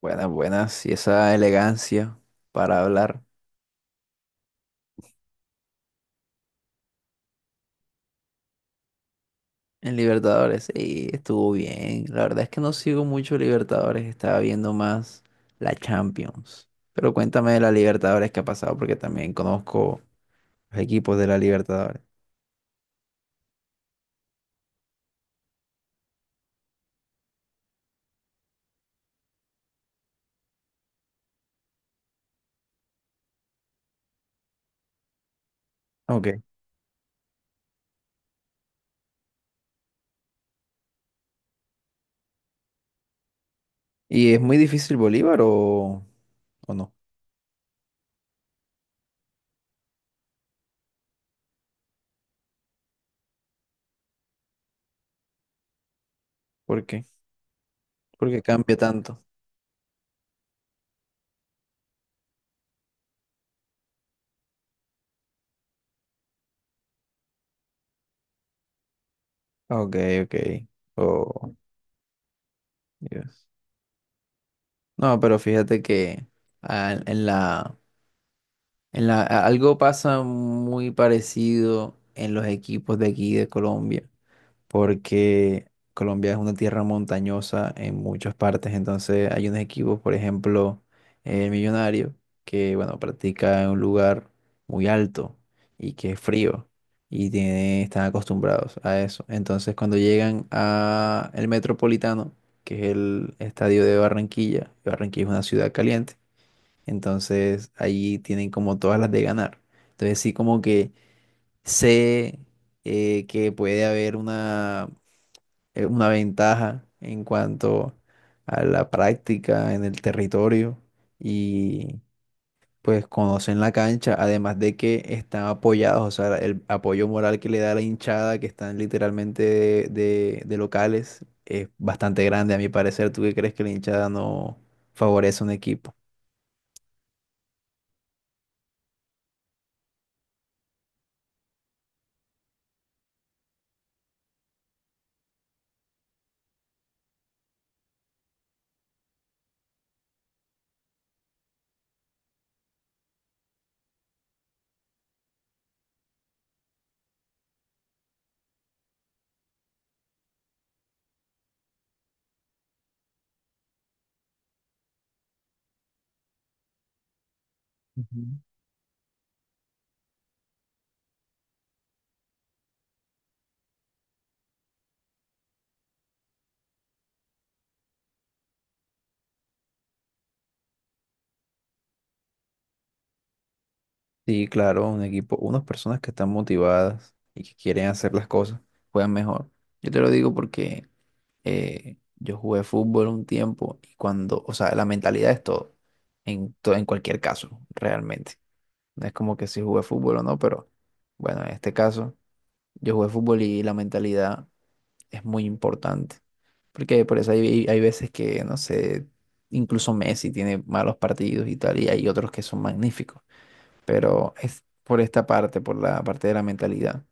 Buenas, buenas. Y esa elegancia para hablar en Libertadores. Sí, estuvo bien. La verdad es que no sigo mucho Libertadores. Estaba viendo más la Champions. Pero cuéntame de la Libertadores que ha pasado porque también conozco los equipos de la Libertadores. Ok. ¿Y es muy difícil Bolívar o no? ¿Por qué? Porque cambia tanto. Ok, ok. Oh, Dios. No, pero fíjate que ah, en la algo pasa muy parecido en los equipos de aquí de Colombia, porque Colombia es una tierra montañosa en muchas partes, entonces hay unos equipos, por ejemplo, el Millonario, que bueno, practica en un lugar muy alto y que es frío y tiene, están acostumbrados a eso. Entonces cuando llegan a el Metropolitano, que es el estadio de Barranquilla, y Barranquilla es una ciudad caliente, entonces ahí tienen como todas las de ganar. Entonces sí como que sé que puede haber una ventaja en cuanto a la práctica en el territorio y pues conocen la cancha, además de que están apoyados, o sea, el apoyo moral que le da la hinchada, que están literalmente de locales, es bastante grande a mi parecer. ¿Tú qué crees que la hinchada no favorece a un equipo? Sí, claro, un equipo, unas personas que están motivadas y que quieren hacer las cosas, juegan mejor. Yo te lo digo porque yo jugué fútbol un tiempo y cuando, o sea, la mentalidad es todo, en cualquier caso, realmente. No es como que si jugué fútbol o no, pero bueno, en este caso, yo jugué fútbol y la mentalidad es muy importante. Porque por eso hay veces que, no sé, incluso Messi tiene malos partidos y tal, y hay otros que son magníficos pero es por esta parte, por la parte de la mentalidad.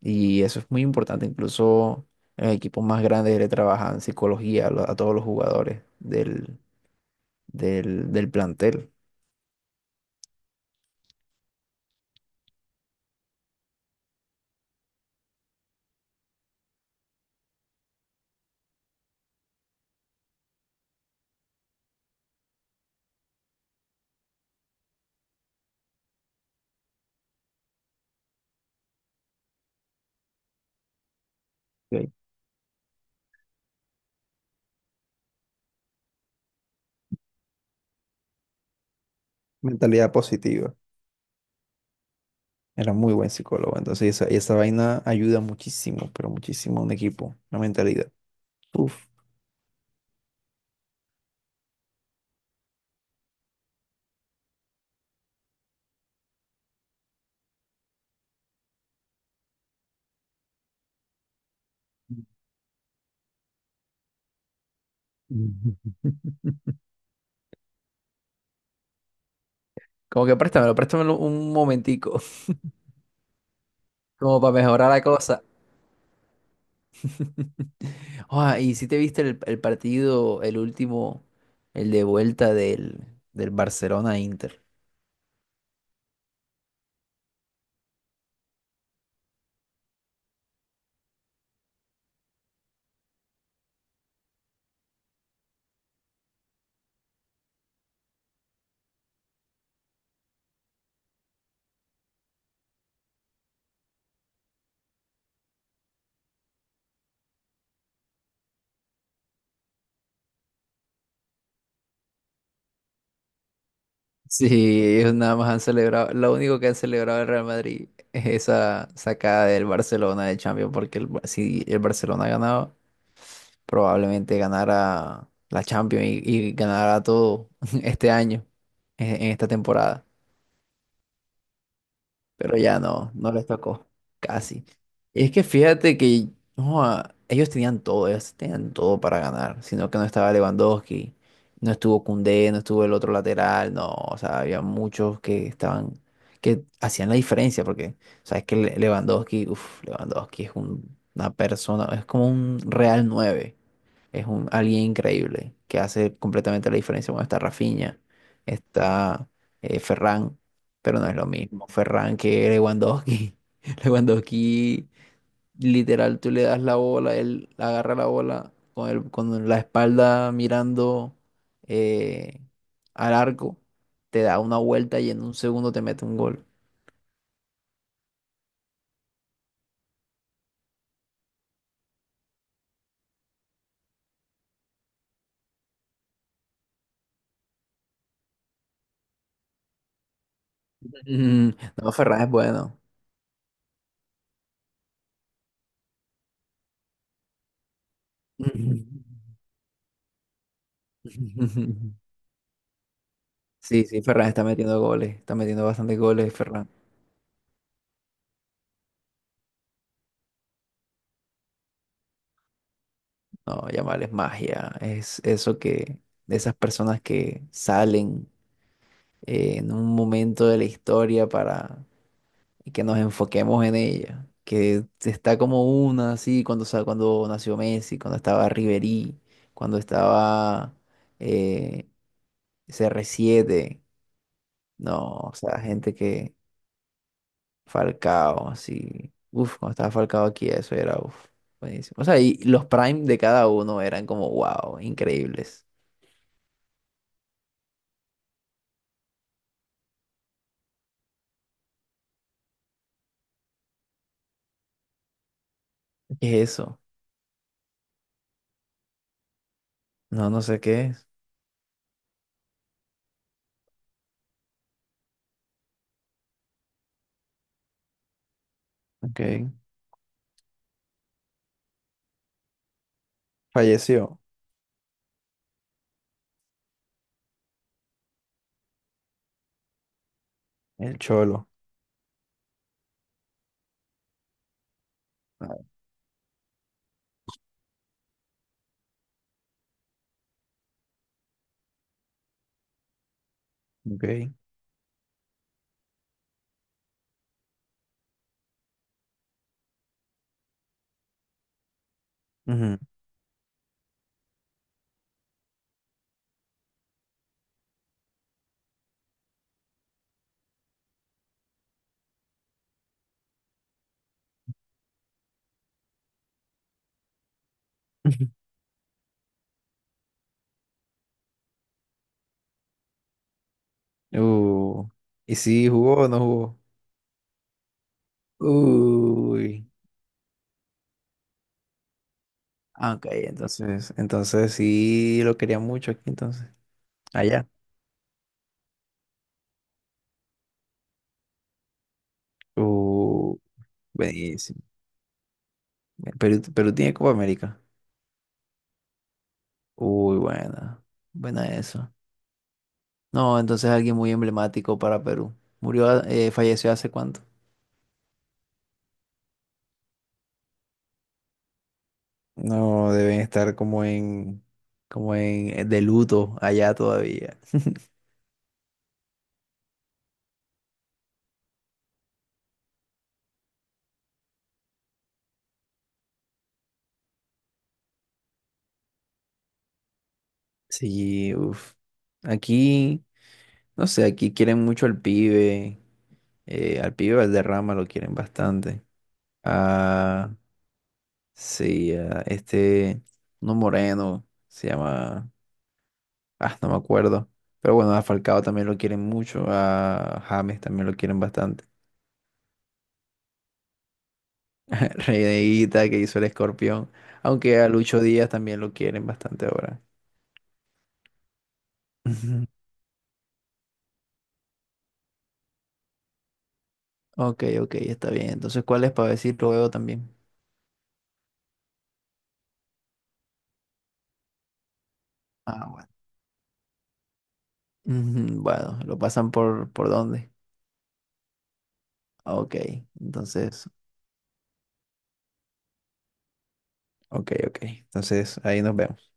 Y eso es muy importante, incluso en equipos más grandes le trabajan psicología a todos los jugadores del plantel. Ok. Mentalidad positiva. Era muy buen psicólogo. Entonces, esa vaina ayuda muchísimo, pero muchísimo a un equipo, la mentalidad. Uf. Como que préstamelo, préstamelo un momentico, como para mejorar la cosa. Ah, y si te viste el partido, el último, el de vuelta del Barcelona-Inter. Sí, ellos nada más han celebrado, lo único que han celebrado el Real Madrid es esa sacada del Barcelona de Champions, porque el Bar- si el Barcelona ganaba, probablemente ganara la Champions y ganara todo este año, en esta temporada. Pero ya no, no les tocó, casi. Y es que fíjate que joa, ellos tenían todo para ganar, sino que no estaba Lewandowski, no estuvo Koundé, no estuvo el otro lateral, no, o sea, había muchos que estaban, que hacían la diferencia, porque sabes que Le- Lewandowski, uff, Lewandowski es un- una persona, es como un Real 9 es un, alguien increíble que hace completamente la diferencia. Bueno, está Rafinha, está Ferran, pero no es lo mismo Ferran que Lewandowski. Lewandowski, literal, tú le das la bola, él agarra la bola con, el, con la espalda mirando eh, al arco, te da una vuelta y en un segundo te mete un gol. Mm. No, Ferran es bueno. Sí, sí, Ferran está metiendo goles, está metiendo bastantes goles, Ferran. No, llamarles magia. Es eso que, de esas personas que salen en un momento de la historia para que nos enfoquemos en ella. Que está como una, así, cuando, sa- cuando nació Messi, cuando estaba Ribery, cuando estaba eh, CR7. No, o sea, gente que Falcao, así. Uf, cuando estaba Falcao aquí, eso era, uf, buenísimo. O sea, y los prime de cada uno eran como, wow, increíbles. ¿Qué es eso? No, no sé qué es. Ok. Falleció el Cholo. Ah, ok. Ujú. Uh, ¿y si jugó o no jugó? Uy. Ah, ok, entonces. Entonces, sí lo quería mucho aquí entonces. Allá. Uh, buenísimo. Perú, Perú tiene Copa América. Uy, buena. Buena eso. No, entonces alguien muy emblemático para Perú. Murió, falleció hace cuánto. No, deben estar como en, como en de luto allá todavía. Sí, uff. Aquí, no sé, aquí quieren mucho al pibe. Al pibe Valderrama lo quieren bastante. Ah, sí, a este, no moreno, se llama, ah, no me acuerdo. Pero bueno, a Falcao también lo quieren mucho, a James también lo quieren bastante. Reneguita que hizo el escorpión, aunque a Lucho Díaz también lo quieren bastante ahora. Ok, ok, está bien. Entonces, ¿cuál es para decir luego también? Ah, bueno. Ujú, bueno, ¿lo pasan por dónde? Ok, entonces, ok, ok. Entonces, ahí nos vemos.